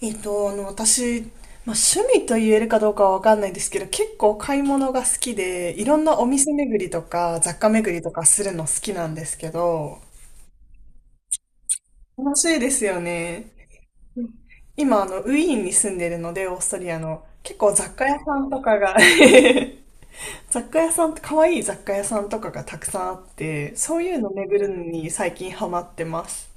私、まあ、趣味と言えるかどうかはわかんないですけど、結構買い物が好きで、いろんなお店巡りとか、雑貨巡りとかするの好きなんですけど、楽しいですよね。今、ウィーンに住んでるので、オーストリアの、結構雑貨屋さんとかが 雑貨屋さん、可愛い雑貨屋さんとかがたくさんあって、そういうの巡るのに最近ハマってます。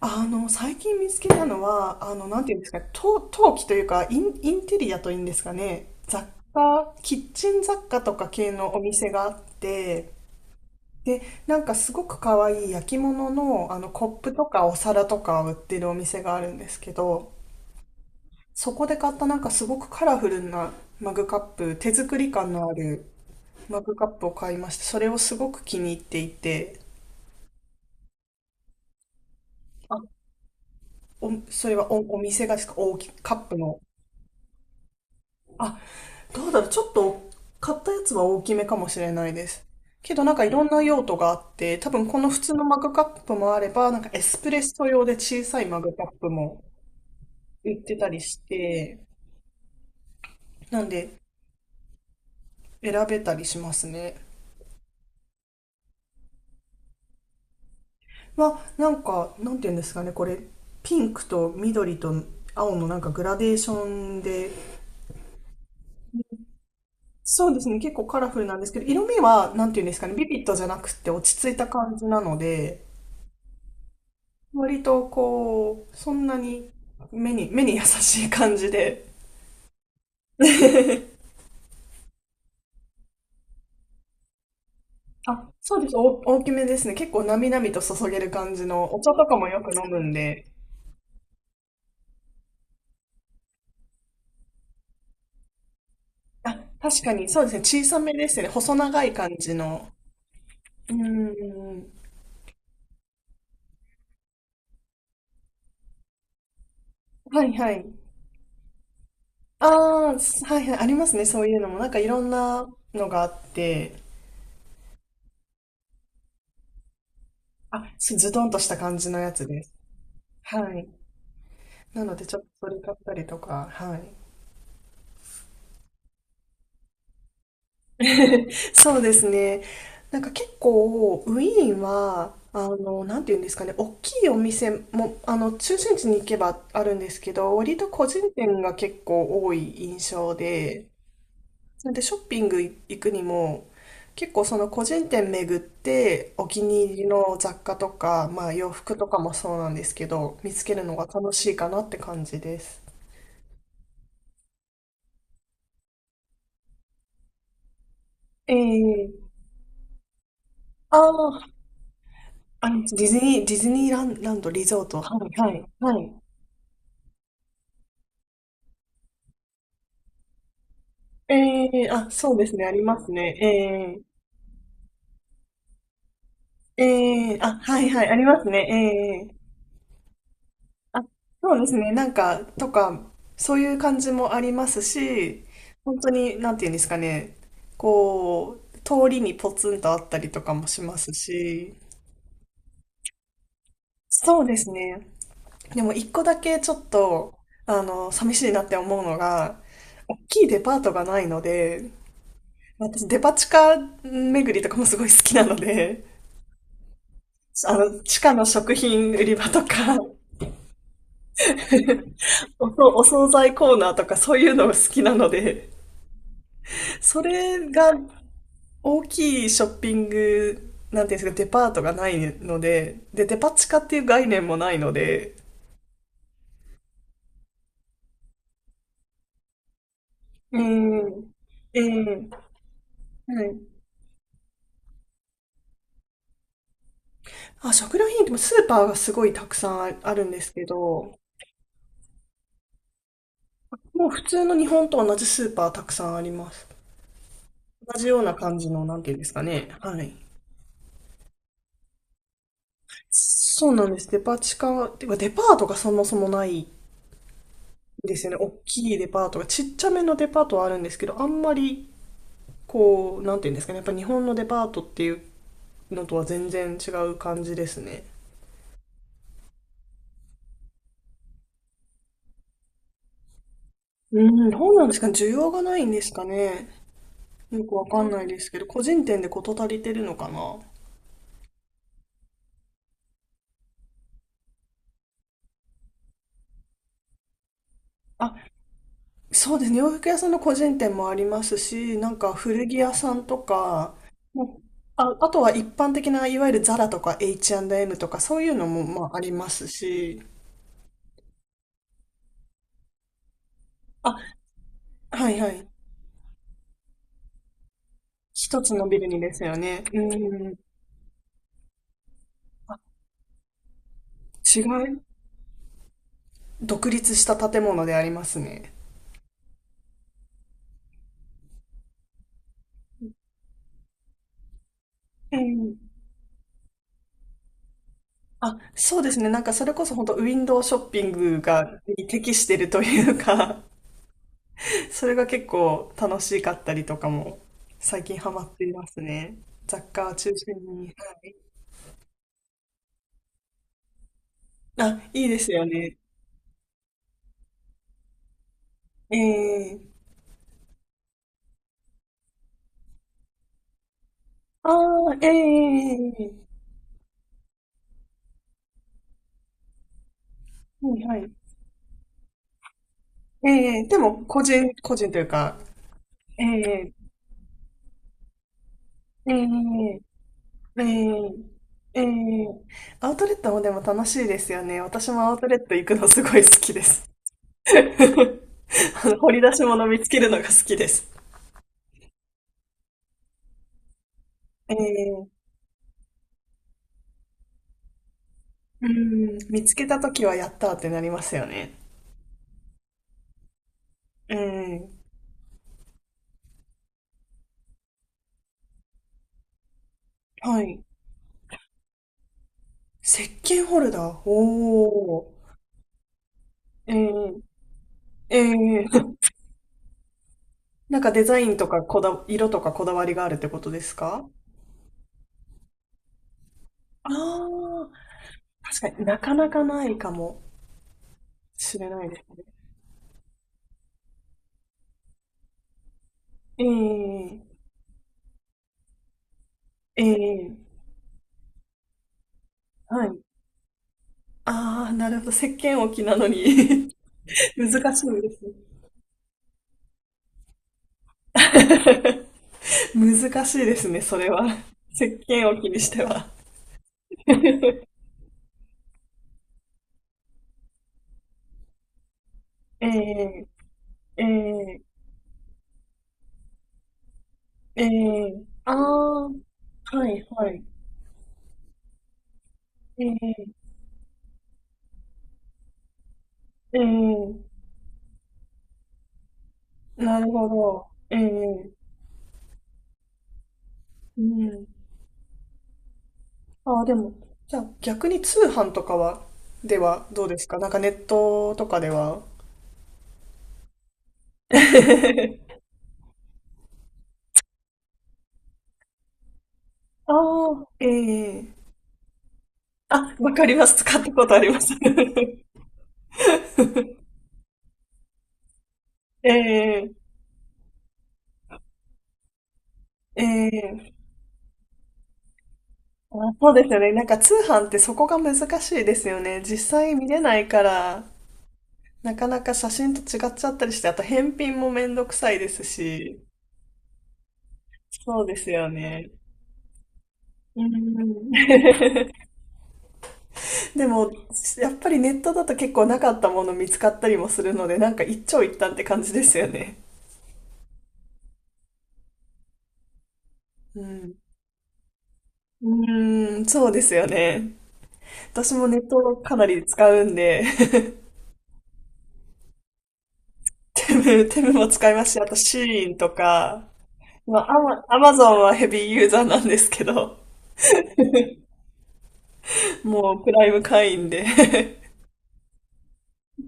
最近見つけたのは、なんていうんですか、陶器というか、インテリアというんですかね、キッチン雑貨とか系のお店があって、で、なんかすごく可愛い焼き物の、コップとかお皿とかを売ってるお店があるんですけど、そこで買ったなんかすごくカラフルなマグカップ、手作り感のあるマグカップを買いました。それをすごく気に入っていて、あ、それはお店がですか、カップの。あ、どうだろう、ちょっと買ったやつは大きめかもしれないです。けどなんかいろんな用途があって、多分この普通のマグカップもあれば、なんかエスプレッソ用で小さいマグカップも売ってたりして、なんで選べたりしますね。なんか、なんて言うんですかね、これ、ピンクと緑と青のなんかグラデーションで、そうですね、結構カラフルなんですけど、色味は、なんて言うんですかね、ビビットじゃなくて落ち着いた感じなので、割とこう、そんなに目に優しい感じで。そうです。お大きめですね。結構なみなみと注げる感じの、お茶とかもよく飲むんで。あ、確かに、そうですね。小さめですね。細長い感じの。うーん。はいはい。ああ、はいはい。ありますね。そういうのも。なんかいろんなのがあって。そうズドンとした感じのやつです。はい。なので、ちょっとそれ買ったりとか、はい。そうですね。なんか結構、ウィーンは、なんていうんですかね、大きいお店も、中心地に行けばあるんですけど、割と個人店が結構多い印象で、それでショッピング行くにも、結構その個人店巡って、お気に入りの雑貨とか、まあ洋服とかもそうなんですけど、見つけるのが楽しいかなって感じです。ええ、ああー、ディズニーランランド、リゾート、はい、はい、はい。ええ、そうですね、ありますね。ええええ、はいはい、ありますね。ええ、あ、そうですね、なんか、とか、そういう感じもありますし、本当に、なんていうんですかね、こう、通りにポツンとあったりとかもしますし、そうですね。でも一個だけちょっと、寂しいなって思うのが、大きいデパートがないので、私デパ地下巡りとかもすごい好きなので、地下の食品売り場とか、お惣菜コーナーとかそういうの好きなので、それが大きいショッピング、なんていうんですか、デパートがないので、で、デパ地下っていう概念もないので、うん、ええ、はい。食料品ってスーパーがすごいたくさんああるんですけど、もう普通の日本と同じスーパーたくさんあります。同じような感じの、なんていうんですかね。はい。そうなんです。デパ地下、てかデパートがそもそもないんですよね。大きいデパートが。ちっちゃめのデパートはあるんですけど、あんまり、こう、なんていうんですかね。やっぱ日本のデパートっていうのとは全然違う感じですね。うん、どうなんですかね。需要がないんですかね。よくわかんないですけど、個人店で事足りてるのかな。そうですね。洋服屋さんの個人店もありますし、なんか古着屋さんとか、もうあとは一般的ないわゆるザラとか H&M とかそういうのもまあありますし、あ、はいはい。一つのビルにですよね。うん。い、独立した建物でありますね。うん。そうですね。なんかそれこそ本当ウィンドウショッピングに適してるというか、それが結構楽しかったりとかも最近ハマっていますね。雑貨を中心に。はい。いいですよね。ええ、ああー、ええ、はいはい。ええでも個人というか、ええええええええアウトレットもでも楽しいですよね。私もアウトレット行くのすごい好きです。あの掘り出し物見つけるのが好きです。ええ、うん、見つけたときはやったーってなりますよね。ええ、はい。石鹸ホルダー。おー。ええええ なんかデザインとか色とかこだわりがあるってことですか？ああー、確かになかなかないかもしれないですね。ええええ、はい。ああ、なるほど。石鹸置きなのに 難しいですね。難しいですね、それは。石鹸置きにしては。ええええええ、はいはい。ええええ、なるほど。ええ、うん。ああ、でも、じゃあ逆に通販とかは、ではどうですか？なんかネットとかでは。ああ、ええ、わかります。使ったことあります。ええええ、そうですよね。なんか通販ってそこが難しいですよね。実際見れないから、なかなか写真と違っちゃったりして、あと返品もめんどくさいですし、そうですよね。うん。でも、やっぱりネットだと結構なかったもの見つかったりもするので、なんか一長一短って感じですよね。うん。うーん、そうですよね。私もネットをかなり使うんで、テムも使いますし、あとシーインとか、まあ、アマゾンはヘビーユーザーなんですけど、もうプライム会員で、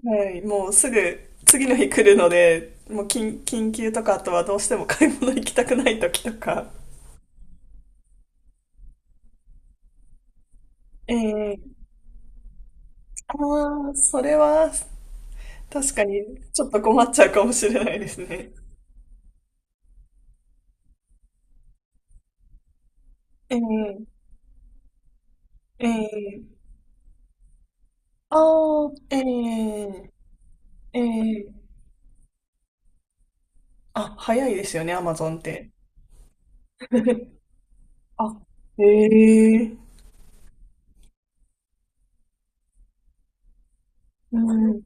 はい、もうすぐ次の日来るので、もう緊急とか、あとはどうしても買い物行きたくない時とか。ええ、ああ、それは確かにちょっと困っちゃうかもしれないですね。ええ、ええ、ああ、ええええ、早いですよね、アマゾンって。あ、ええ、うん、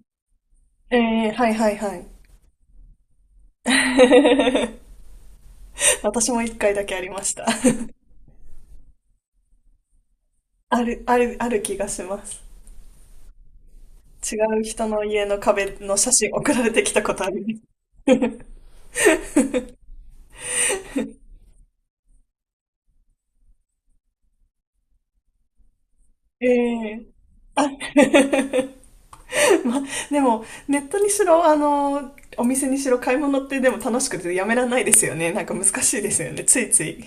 ええ、はいはいはい。私も一回だけありました。ある、ある、ある気がします。違う人の家の壁の写真送られてきたことあります。ええ、あ ま、でも、ネットにしろ、お店にしろ買い物ってでも楽しくてやめられないですよね。なんか難しいですよね。ついつい。